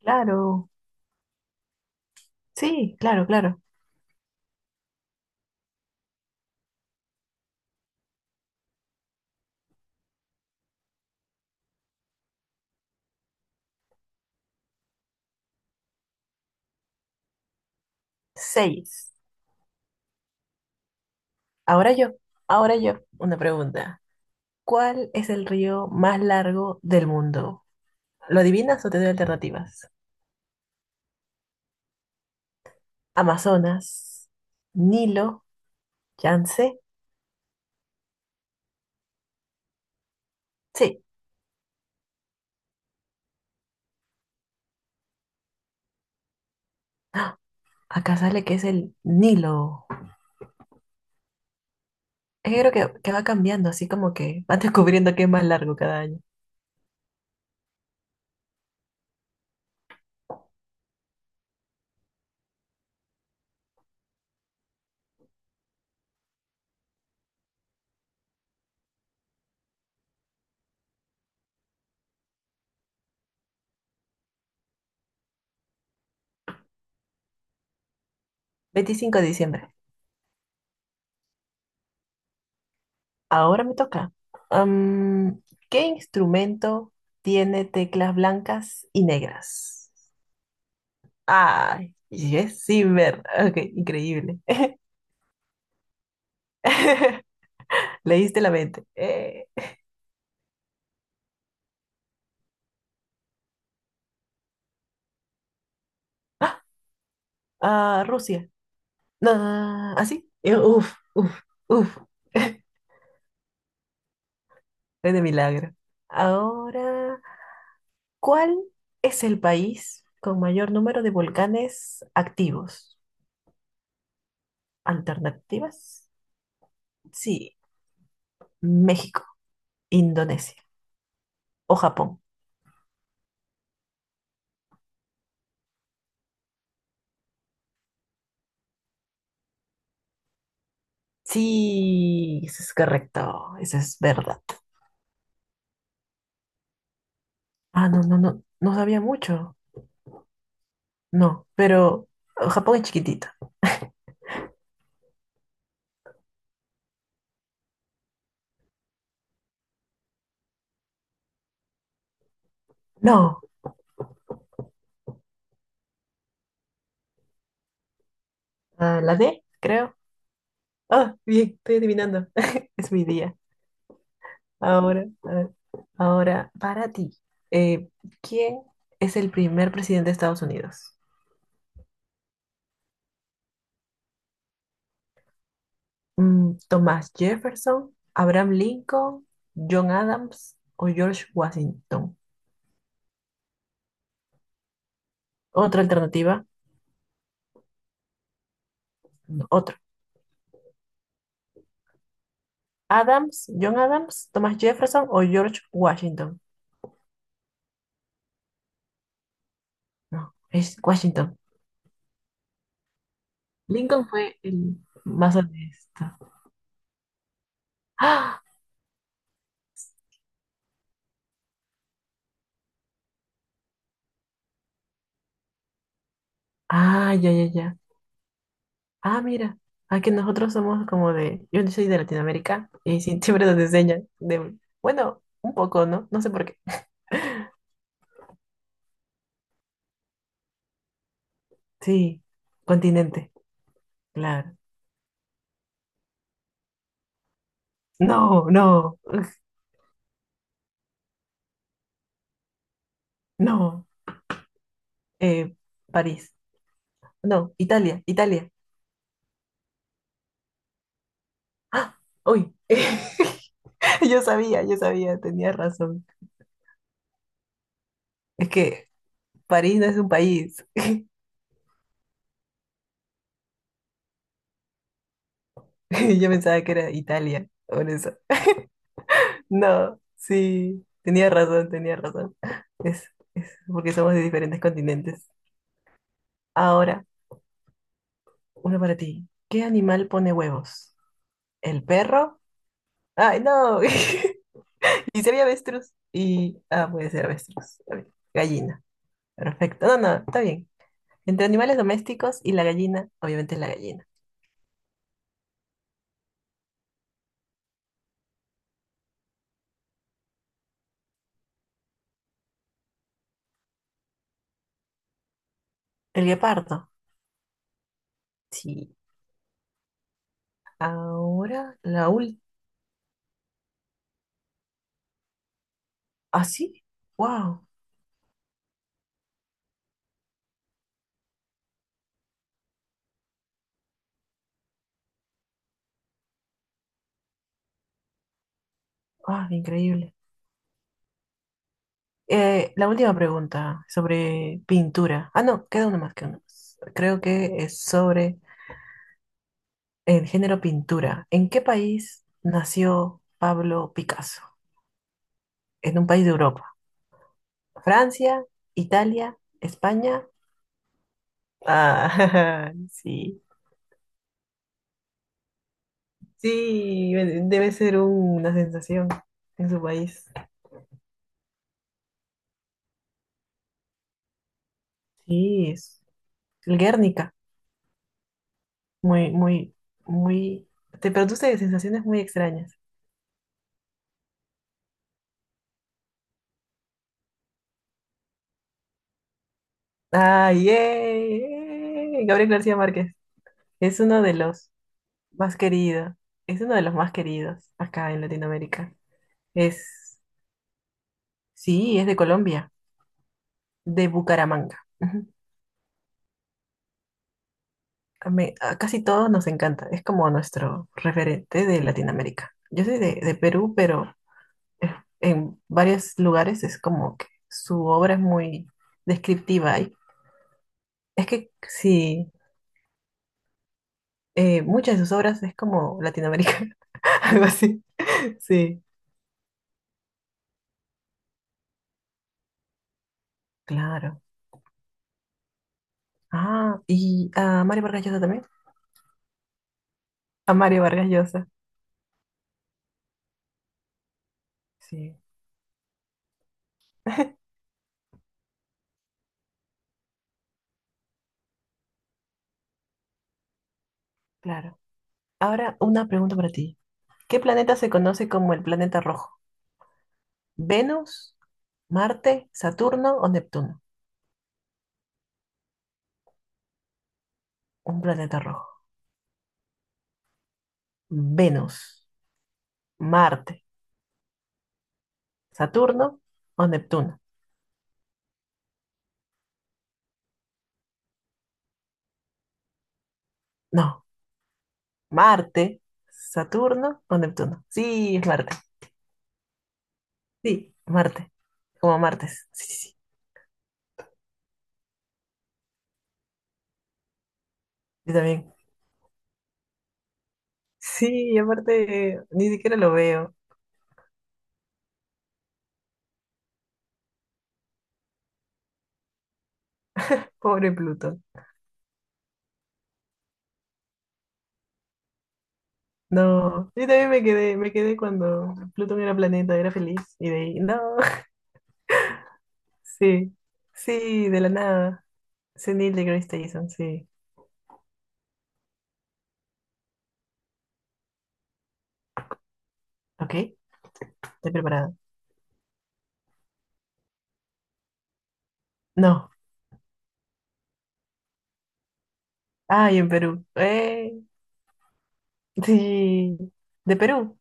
Claro, sí, claro, claro. Seis. Ahora yo, ahora yo, una pregunta. ¿Cuál es el río más largo del mundo? ¿Lo adivinas o te doy alternativas? Amazonas, Nilo, Yangtze. Sí. ¡Ah! Acá sale que es el Nilo. Es que creo que va cambiando, así como que va descubriendo que es más largo cada año. 25 de diciembre. Ahora me toca. Am, ¿Qué instrumento tiene teclas blancas y negras? Ay, Yes Zimmer. Ok, increíble. Leíste la mente. Rusia. No, ¿así? Uf, uf, uf. Fue de milagro. Ahora. ¿Cuál es el país con mayor número de volcanes activos? Alternativas. Sí, México, Indonesia o Japón. Sí, eso es correcto, eso es verdad. Ah, no, no, no, no sabía mucho. No, pero Japón es chiquitito. No, la D, creo. Ah, bien, estoy adivinando. Es mi día. Ahora, a ver, ahora, para ti, eh, ¿quién es el primer presidente de Estados Unidos? Thomas Jefferson, Abraham Lincoln, John Adams o George Washington. Otra alternativa, no, otro. Adams, John Adams, Thomas Jefferson o George Washington. No, es Washington. Lincoln fue el más honesto. Ah, ah, ya, ya, ya. Ah, mira. Aquí nosotros somos como de, yo no soy de Latinoamérica y sí, siempre nos enseñan de, bueno, un poco, ¿no? No sé por qué. Sí, continente, claro. No, no. No, eh, París. No, Italia, Italia. ¡Ah! ¡Uy! Yo sabía, tenía razón. Es que París no es un país. Yo pensaba que era Italia, por eso. No, sí, tenía razón, tenía razón. Es, es porque somos de diferentes continentes. Ahora, uno para ti. ¿Qué animal pone huevos? ¿El perro? ¡Ay, no! Y sería avestruz. Y, puede ser avestruz. Está bien. Gallina. Perfecto. No, no, está bien. Entre animales domésticos y la gallina, obviamente es la gallina. El guepardo. Sí. Ahora, la última. ¿Ah, sí? ¡Wow! ¡Ah, increíble! La última pregunta sobre pintura. Ah, no, queda una más, queda una más. Creo que es sobre el género pintura. ¿En qué país nació Pablo Picasso? En un país de Europa. ¿Francia, Italia, España? Ah, sí. Sí, debe ser una sensación en su país. Sí, es el Guernica. Muy, muy, muy. Te produce sensaciones muy extrañas. ¡Ah, yay! Gabriel García Márquez. Es uno de los más queridos. Es uno de los más queridos acá en Latinoamérica. Es, sí, es de Colombia, de Bucaramanga. A casi todos nos encanta, es como nuestro referente de Latinoamérica. Yo soy de Perú, pero eh, en varios lugares es como que su obra es muy descriptiva. Y es que sí, muchas de sus obras es como Latinoamérica, algo así. Sí, claro. Ah, y a Mario Vargas Llosa también. A Mario Vargas Llosa, sí, claro. Ahora una pregunta para ti. ¿Qué planeta se conoce como el planeta rojo? Venus, Marte, Saturno o Neptuno. Un planeta rojo. Venus, Marte, Saturno o Neptuno. No, Marte, Saturno o Neptuno. Sí, es Marte. Sí, Marte. Como martes. Sí, sí, sí. Yo también. Sí, y aparte ni siquiera lo veo. Pobre Plutón. No, yo también me quedé cuando Plutón era planeta, era feliz. Y de ahí, no. Sí, sí, de la nada. Sí, Neil deGrasse Tyson, sí. Ok, estoy preparada. No. Ay, en Perú. Sí. ¿De Perú?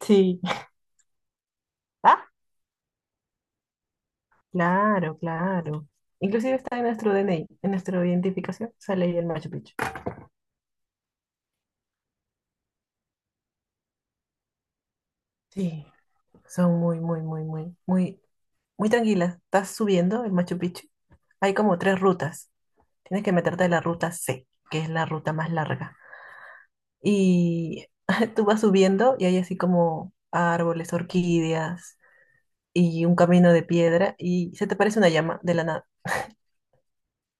Sí. Ah, claro, claro. Inclusive está en nuestro DNI, en nuestra identificación, sale ahí el Machu Picchu. Sí, son muy, muy, muy, muy, muy, muy tranquilas. Estás subiendo el Machu Picchu. Hay como tres rutas. Tienes que meterte en la ruta C, que es la ruta más larga. Y tú vas subiendo y hay así como árboles, orquídeas, y un camino de piedra y se te aparece una llama de la nada.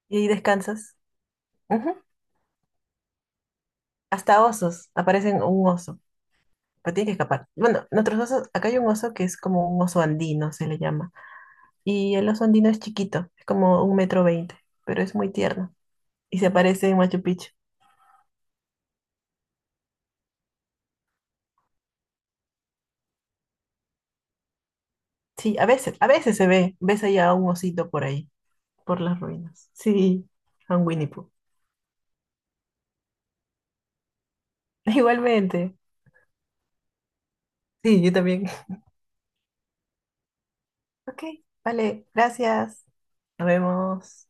Y ahí descansas. Ujú. Hasta osos, aparecen un oso, pero tienes que escapar. Bueno, nuestros osos, acá hay un oso que es como un oso andino, se le llama. Y el oso andino es chiquito, es como 1,20 m, pero es muy tierno. Y se aparece en Machu Picchu. Sí, a veces ves allá a un osito por ahí, por las ruinas. Sí, a un Winnie Pooh. Igualmente. Sí, yo también. Ok, vale, gracias. Nos vemos.